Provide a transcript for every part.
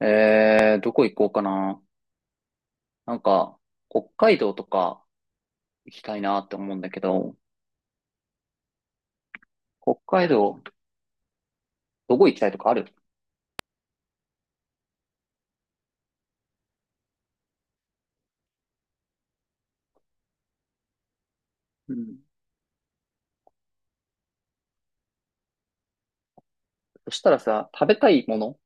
どこ行こうかな。なんか、北海道とか行きたいなって思うんだけど、北海道、どこ行きたいとかある？うん。そしたらさ、食べたいもの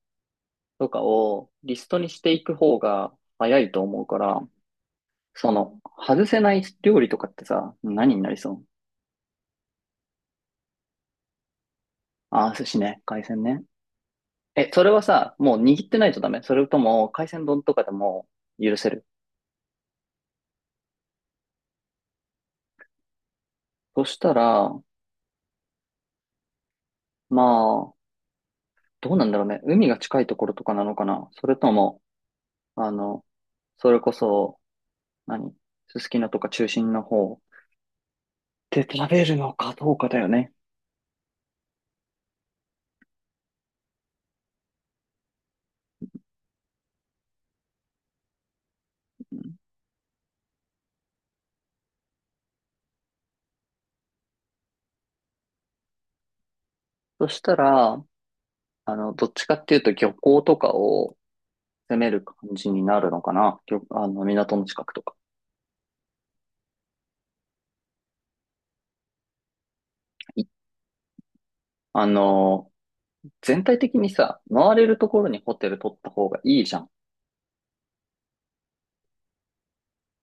とかをリストにしていく方が早いと思うから、その、外せない料理とかってさ、何になりそう？あー、寿司ね、海鮮ね。それはさ、もう握ってないとダメ？それとも、海鮮丼とかでも許せる？そしたら、まあ、どうなんだろうね。海が近いところとかなのかな？それとも、あの、それこそ、何、すすきのとか中心の方で食べるのかどうかだよね。うん。そしたら、どっちかっていうと漁港とかを攻める感じになるのかな。漁あの、港の近くとか。いあの、全体的にさ、回れるところにホテル取った方がいいじゃん。っ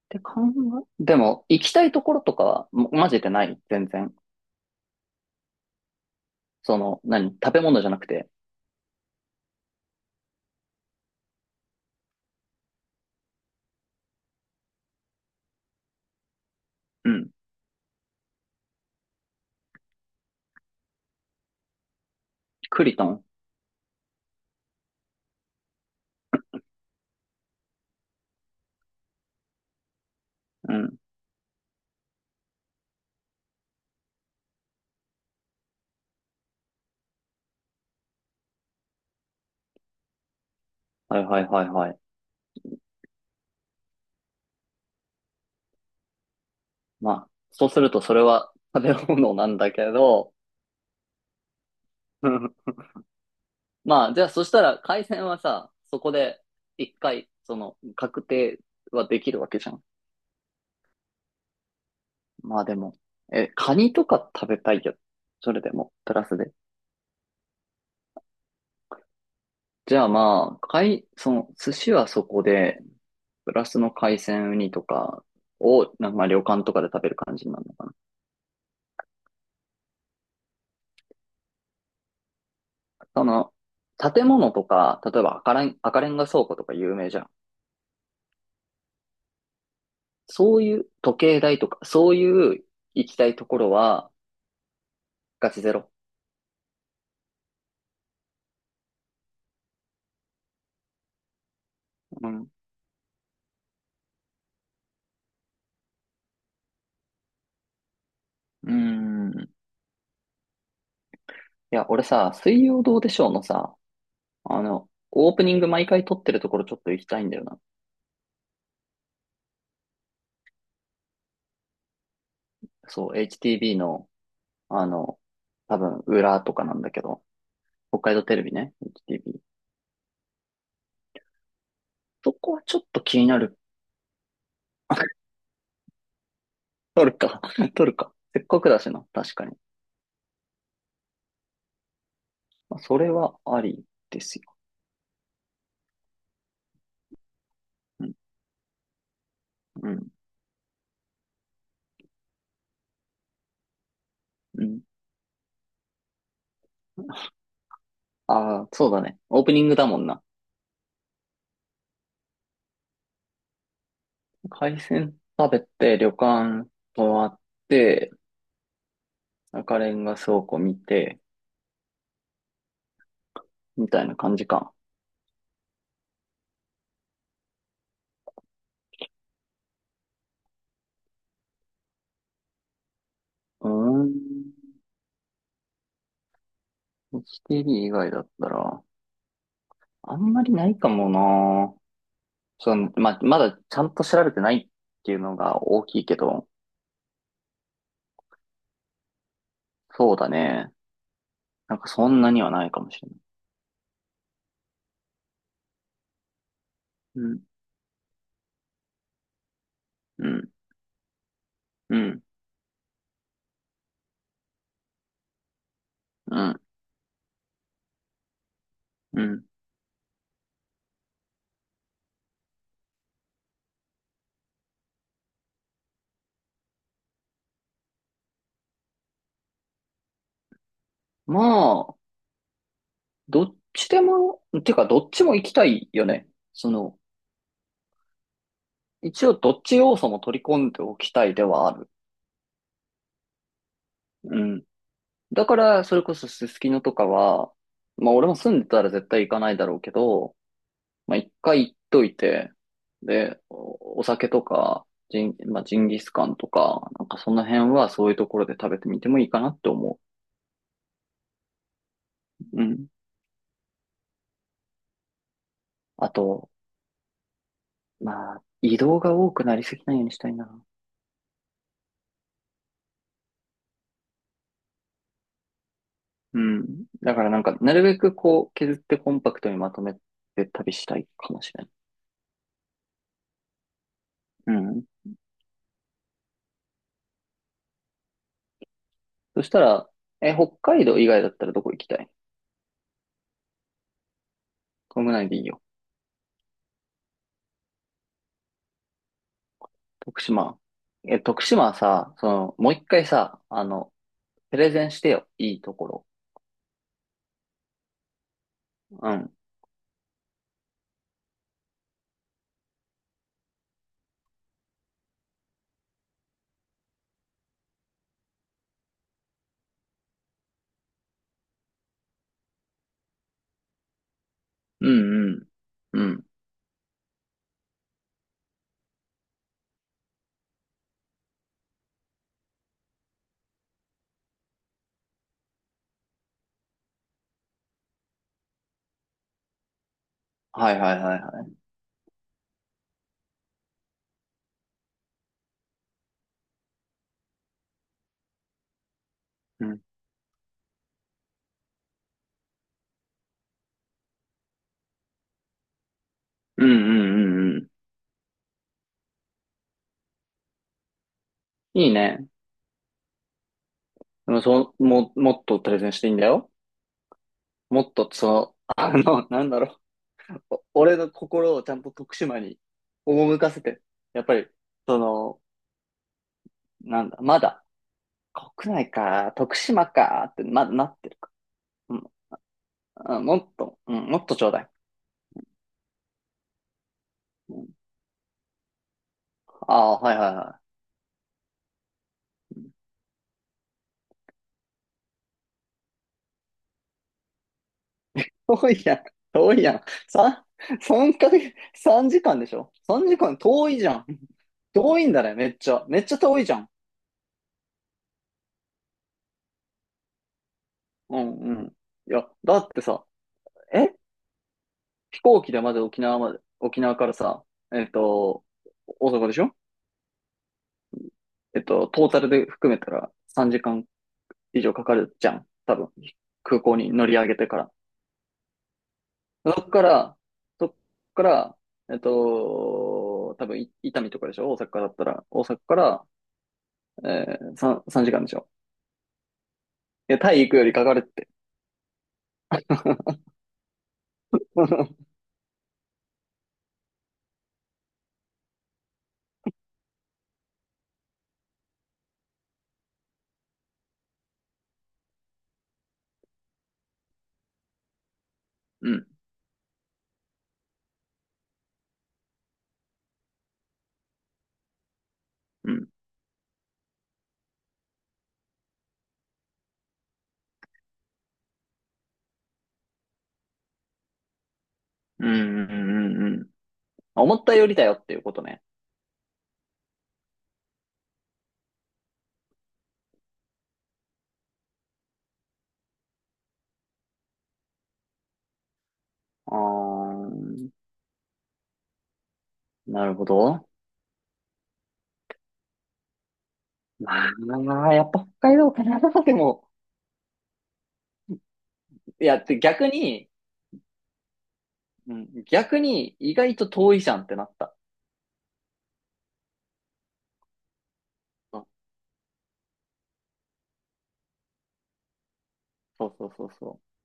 て考え、でも、行きたいところとかは、マジでない全然。その、何、食べ物じゃなくて。うん。クリトン。うん。はいはいはいはい。まあ、そうするとそれは食べ物なんだけど、まあ、じゃあそしたら海鮮はさ、そこで一回、その、確定はできるわけじゃん。まあでも、カニとか食べたいよ。それでも、プラスで。じゃあまあ、海、その、寿司はそこで、プラスの海鮮ウニとかを、なんかまあ旅館とかで食べる感じになるのかな。その、建物とか、例えば赤レンガ倉庫とか有名じゃん。そういう時計台とか、そういう行きたいところは、ガチゼロ。うん。うーん。いや、俺さ、水曜どうでしょうのさ、オープニング毎回撮ってるところちょっと行きたいんだよな。そう、HTV の、あの、多分、裏とかなんだけど、北海道テレビね、HTB。そこはちょっと気になる。撮るか、撮るか。せっかくだしな、確かに。まあそれはありですよ。うん、うん、うん。ああ、そうだね。オープニングだもんな。海鮮食べて、旅館泊まって、赤レンガ倉庫見て、みたいな感じか。うーん。HTB 以外だったら、あんまりないかもな。そう、まだちゃんと調べてないっていうのが大きいけど、そうだね。なんかそんなにはないかもしれない。うん、うん、うん、うん、うん。まあ、どっちでも、てかどっちも行きたいよね。その、一応どっち要素も取り込んでおきたいではある。うん。だから、それこそすすきのとかは、まあ俺も住んでたら絶対行かないだろうけど、まあ一回行っといて、で、お酒とか、まあジンギスカンとか、なんかその辺はそういうところで食べてみてもいいかなって思う。うん。あと、まあ、移動が多くなりすぎないようにしたいな。うん。だからなんか、なるべくこう、削ってコンパクトにまとめて旅したいかもしれない。うん。そしたら、北海道以外だったらどこ行きたい？国内でいいよ。徳島。徳島はさ、その、もう一回さ、プレゼンしてよ。いいところ。うん。うん、うん。うん。はいはいはいはい。うん。うんうんうんうん。いいね。でもそう、もっとプレゼンしていいんだよ。もっと、その、なんだろう。俺の心をちゃんと徳島に赴かせて。やっぱり、その、なんだ、まだ、国内か、徳島か、って、まだなってるか。うん。もっと、うん、もっとちょうだい。ああ、はいはいはい。遠いやん。遠いやん。三、三ヶ月、三時間でしょ？ 3 時間遠いじゃん。遠いんだね、めっちゃ。めっちゃ遠いじゃん。うんうん。いや、だってさ、え飛行機でまず沖縄まで、沖縄からさ、えっと、大阪でしょ？トータルで含めたら3時間以上かかるじゃん。多分、空港に乗り上げてから。そっから、そっから、多分、伊丹とかでしょ？大阪だったら。大阪から、3、三時間でしょ？いや、タイ行くよりかかるって。うん、うん、うん、うん、うん。うん、思ったよりだよっていうことね。あー、なるほど。まあ、やっぱ北海道かな。でも、いや、で逆に、うん、逆に意外と遠いじゃんってなった。うん、そうそうそうそう。